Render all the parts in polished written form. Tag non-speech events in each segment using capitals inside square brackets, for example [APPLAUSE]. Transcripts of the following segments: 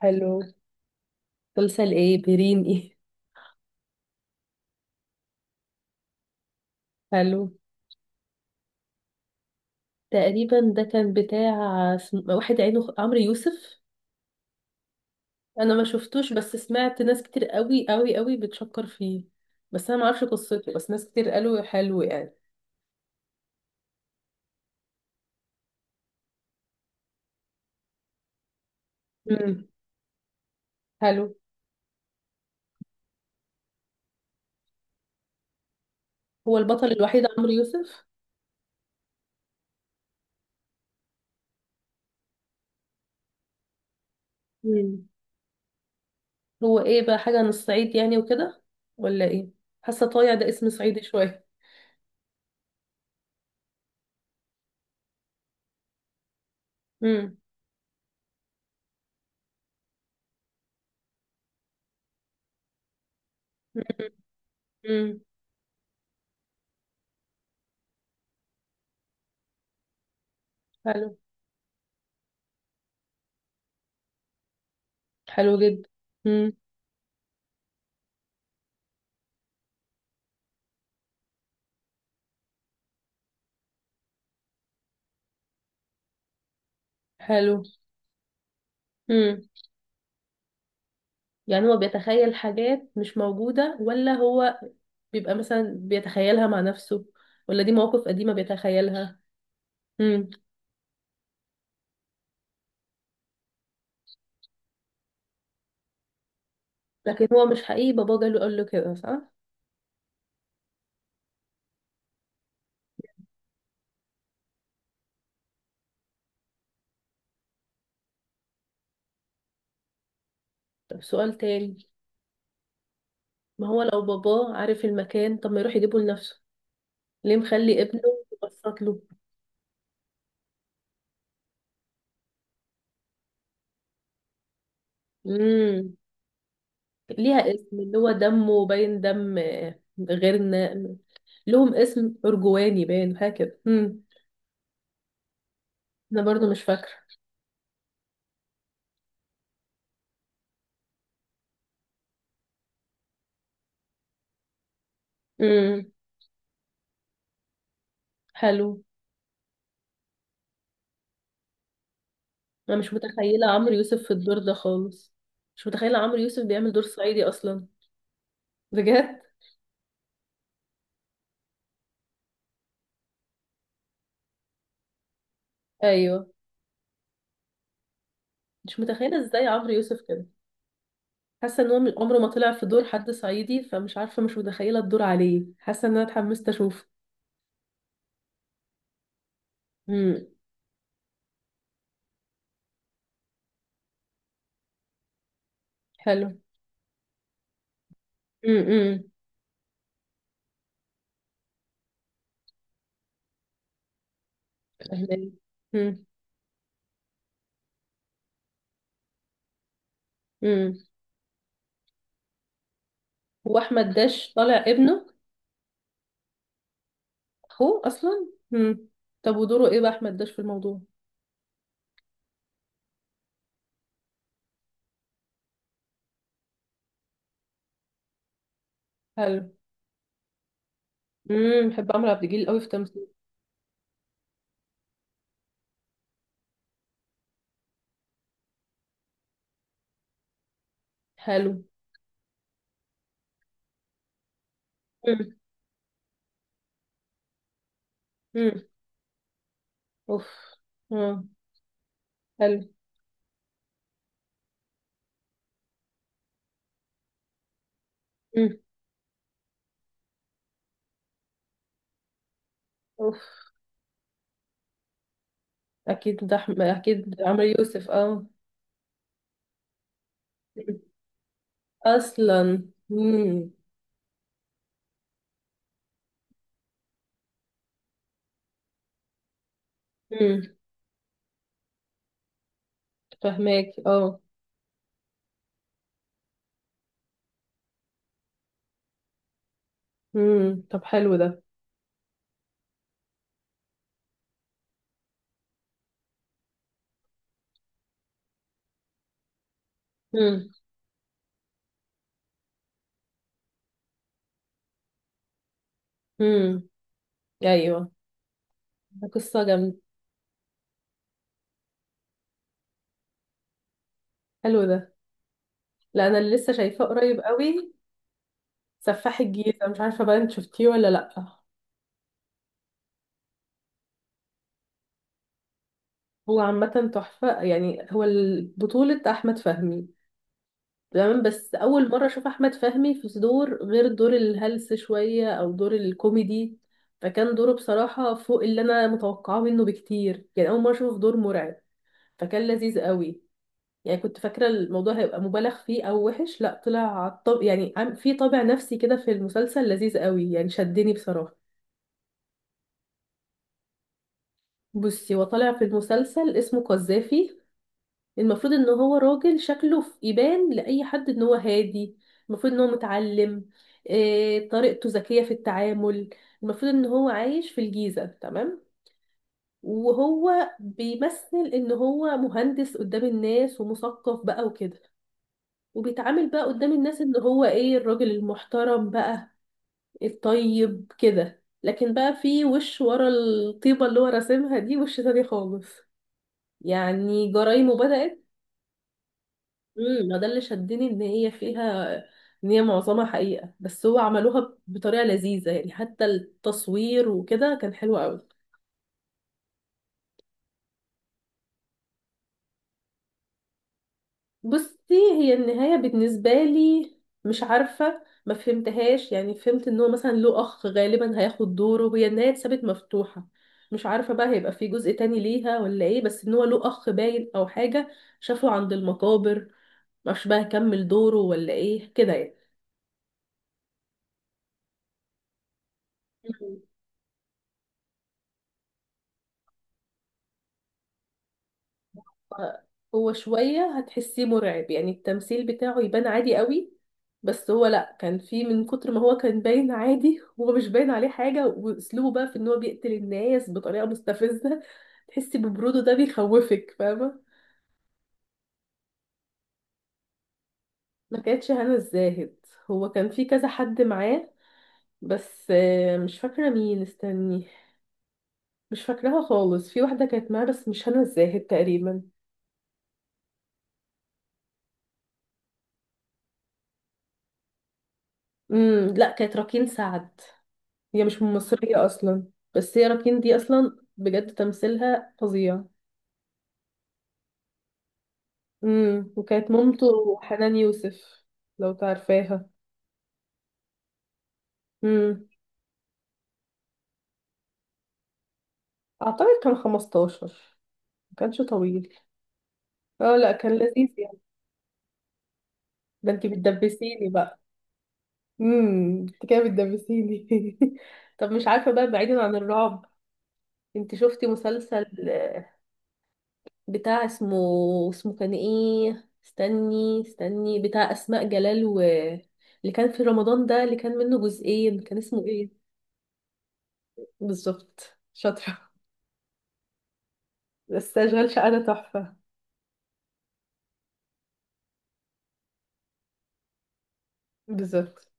حلو. مسلسل ايه، بيرين ايه؟ حلو. تقريبا ده كان بتاع واحد عمرو يوسف. انا ما شفتوش، بس سمعت ناس كتير قوي قوي قوي بتشكر فيه. بس انا ما اعرفش قصته، بس ناس كتير قالوا حلو يعني. امم. حلو. هو البطل الوحيد عمرو يوسف؟ مم. هو ايه بقى، حاجة عن الصعيد يعني وكده ولا ايه؟ حاسة طايع ده اسم صعيدي شوية. امم. امم. حلو. حلو جدا. امم. حلو. يعني هو بيتخيل حاجات مش موجودة، ولا هو بيبقى مثلا بيتخيلها مع نفسه، ولا دي مواقف قديمة بيتخيلها؟ مم. لكن هو مش حقيقي باباه جاله قال له كده، صح؟ طب سؤال تاني. ما هو لو باباه عارف المكان، طب ما يروح يجيبه لنفسه، ليه مخلي ابنه يبسط له؟ مم. ليها اسم اللي هو دمه باين دم غيرنا. لهم اسم أرجواني، باين حاجة كده. مم. أنا برضو مش فاكرة. مم. حلو. انا مش متخيله عمرو يوسف في الدور ده خالص. مش متخيله عمرو يوسف بيعمل دور صعيدي اصلا. بجد. ايوه. مش متخيله ازاي عمرو يوسف كده. حاسه ان هو عمره ما طلع في دور حد صعيدي، فمش عارفه، مش متخيله الدور عليه. حاسه ان انا اتحمست اشوفه. امم. حلو. امم. فهماني. امم. امم. هو احمد داش طالع ابنه؟ اخوه اصلا. امم. طب ودوره ايه بقى احمد داش في الموضوع؟ حلو. امم. بحب عمرو عبد الجليل قوي في تمثيل. حلو. امم. امم. اوف. آه. حلو. مم. اوف. اكيد ده اكيد عمرو يوسف، اه. مم. اصلا. امم. امم. فهماك، اه. امم. طب حلو ده. امم. امم. ايوه. ده قصه جامده. حلو ده. لا، انا اللي لسه شايفاه قريب قوي. سفاح الجيزه، مش عارفه بقى انت شفتيه ولا لا. هو عامه تحفه. يعني هو بطوله احمد فهمي. تمام. بس اول مره اشوف احمد فهمي في دور غير دور الهلس شويه او دور الكوميدي. فكان دوره بصراحه فوق اللي انا متوقعاه منه بكتير. يعني اول مره اشوفه في دور مرعب. فكان لذيذ قوي. يعني كنت فاكره الموضوع هيبقى مبالغ فيه او وحش، لا طلع طب. يعني في طابع نفسي كده في المسلسل لذيذ قوي، يعني شدني بصراحه. بصي، هو طالع في المسلسل اسمه قذافي. المفروض ان هو راجل شكله في يبان لاي حد ان هو هادي. المفروض ان هو متعلم. إيه طريقته ذكية في التعامل. المفروض ان هو عايش في الجيزة، تمام. وهو بيمثل ان هو مهندس قدام الناس ومثقف بقى وكده. وبيتعامل بقى قدام الناس ان هو ايه، الراجل المحترم بقى، الطيب كده. لكن بقى في وش ورا الطيبة اللي هو راسمها دي وش تاني خالص. يعني جرايمه بدأت. ما ده اللي شدني، ان هي فيها، ان هي معظمها حقيقة. بس هو عملوها بطريقة لذيذة، يعني حتى التصوير وكده كان حلو قوي. بصي، هي النهاية بالنسبة لي مش عارفة، ما فهمتهاش. يعني فهمت ان هو مثلا له اخ، غالبا هياخد دوره. هي النهاية اتسابت مفتوحة، مش عارفة بقى هيبقى في جزء تاني ليها ولا ايه. بس ان هو له اخ باين، او حاجة شافه عند المقابر. معرفش بقى هيكمل دوره ولا ايه كده. يعني هو شوية هتحسيه مرعب، يعني التمثيل بتاعه يبان عادي قوي. بس هو لأ، كان فيه من كتر ما هو كان باين عادي [LAUGHS] هو مش باين عليه حاجة، وأسلوبه بقى في إن هو بيقتل الناس بطريقة مستفزة. تحسي ببروده ده، بيخوفك، فاهمة. ما كانتش هنا الزاهد. هو كان فيه كذا حد معاه، بس مش فاكرة مين، استني. مش فاكراها خالص. في واحدة كانت معاه بس مش هنا الزاهد تقريبا. امم. لأ، كانت راكين سعد. هي مش مصرية أصلا. بس هي راكين دي أصلا بجد تمثيلها فظيع. امم. وكانت مامته حنان يوسف، لو تعرفاها. امم. أعتقد كان 15، ما كانش طويل. اه، لا كان لذيذ يعني. ده انتي بتدبسيني بقى. امم. انت كده بتدبسيني. [LAUGHS] طب مش عارفة بقى، بعيدا عن الرعب، انت شفتي مسلسل بتاع اسمه، اسمه كان ايه، استني استني، بتاع اسماء جلال، و اللي كان في رمضان ده اللي كان منه جزئين، كان اسمه ايه؟ بالظبط، شاطرة. بس اشغال شقة ده تحفة. بالظبط.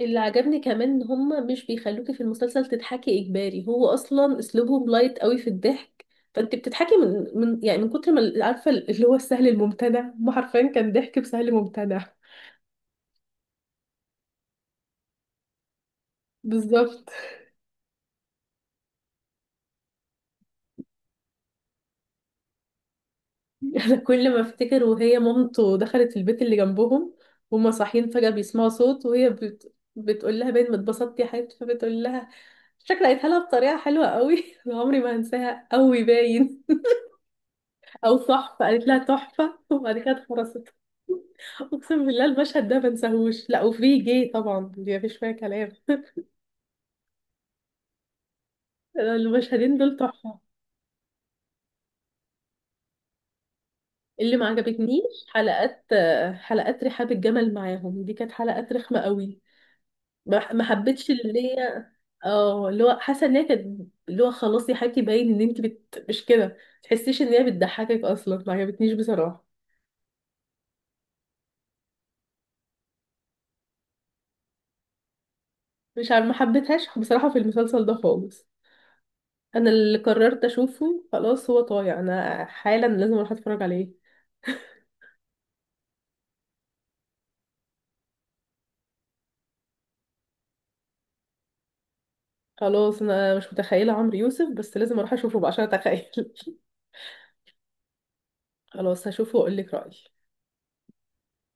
اللي عجبني كمان ان هما مش بيخلوكي في المسلسل تضحكي اجباري. هو اصلا اسلوبهم لايت قوي في الضحك. فانت بتضحكي من يعني، من كتر ما، عارفة، اللي هو السهل الممتنع، ما حرفيا كان ضحك بسهل ممتنع. بالظبط. [LAUGHS] كل ما افتكر وهي مامته دخلت البيت اللي جنبهم، وهما صاحيين فجأة بيسمعوا صوت، وهي بتقول لها باين ما اتبسطتي يا حبيبتي، فبتقول لها، شكلها قالتها لها بطريقة حلوة قوي. [LAUGHS] أنا عمري ما هنساها، قوي باين. [LAUGHS] او تحفة، قالت لها تحفة. [LAUGHS] وبعد كده اتخرست. [LAUGHS] اقسم بالله المشهد ده ما انساهوش. لا، وفي جه طبعا، دي مفيش فيها كلام. [LAUGHS] المشهدين دول تحفة. اللي ما عجبتنيش حلقات، حلقات رحاب الجمل معاهم، دي كانت حلقات رخمة قوي. ما حبيتش اللي هي، اه اللي هو، حاسه ان هي كانت، اللي هو خلاص يا حبيبتي باين ان انت مش كده، ما تحسيش ان هي بتضحكك اصلا، ما عجبتنيش بصراحه. مش عارفه، ما حبيتهاش بصراحه في المسلسل ده خالص. انا اللي قررت اشوفه خلاص. هو طايع، انا حالا لازم اروح اتفرج عليه. خلاص، انا مش متخيله عمرو يوسف، بس لازم اروح اشوفه بقى عشان اتخيل. [LAUGHS] خلاص هشوفه واقول لك رايي.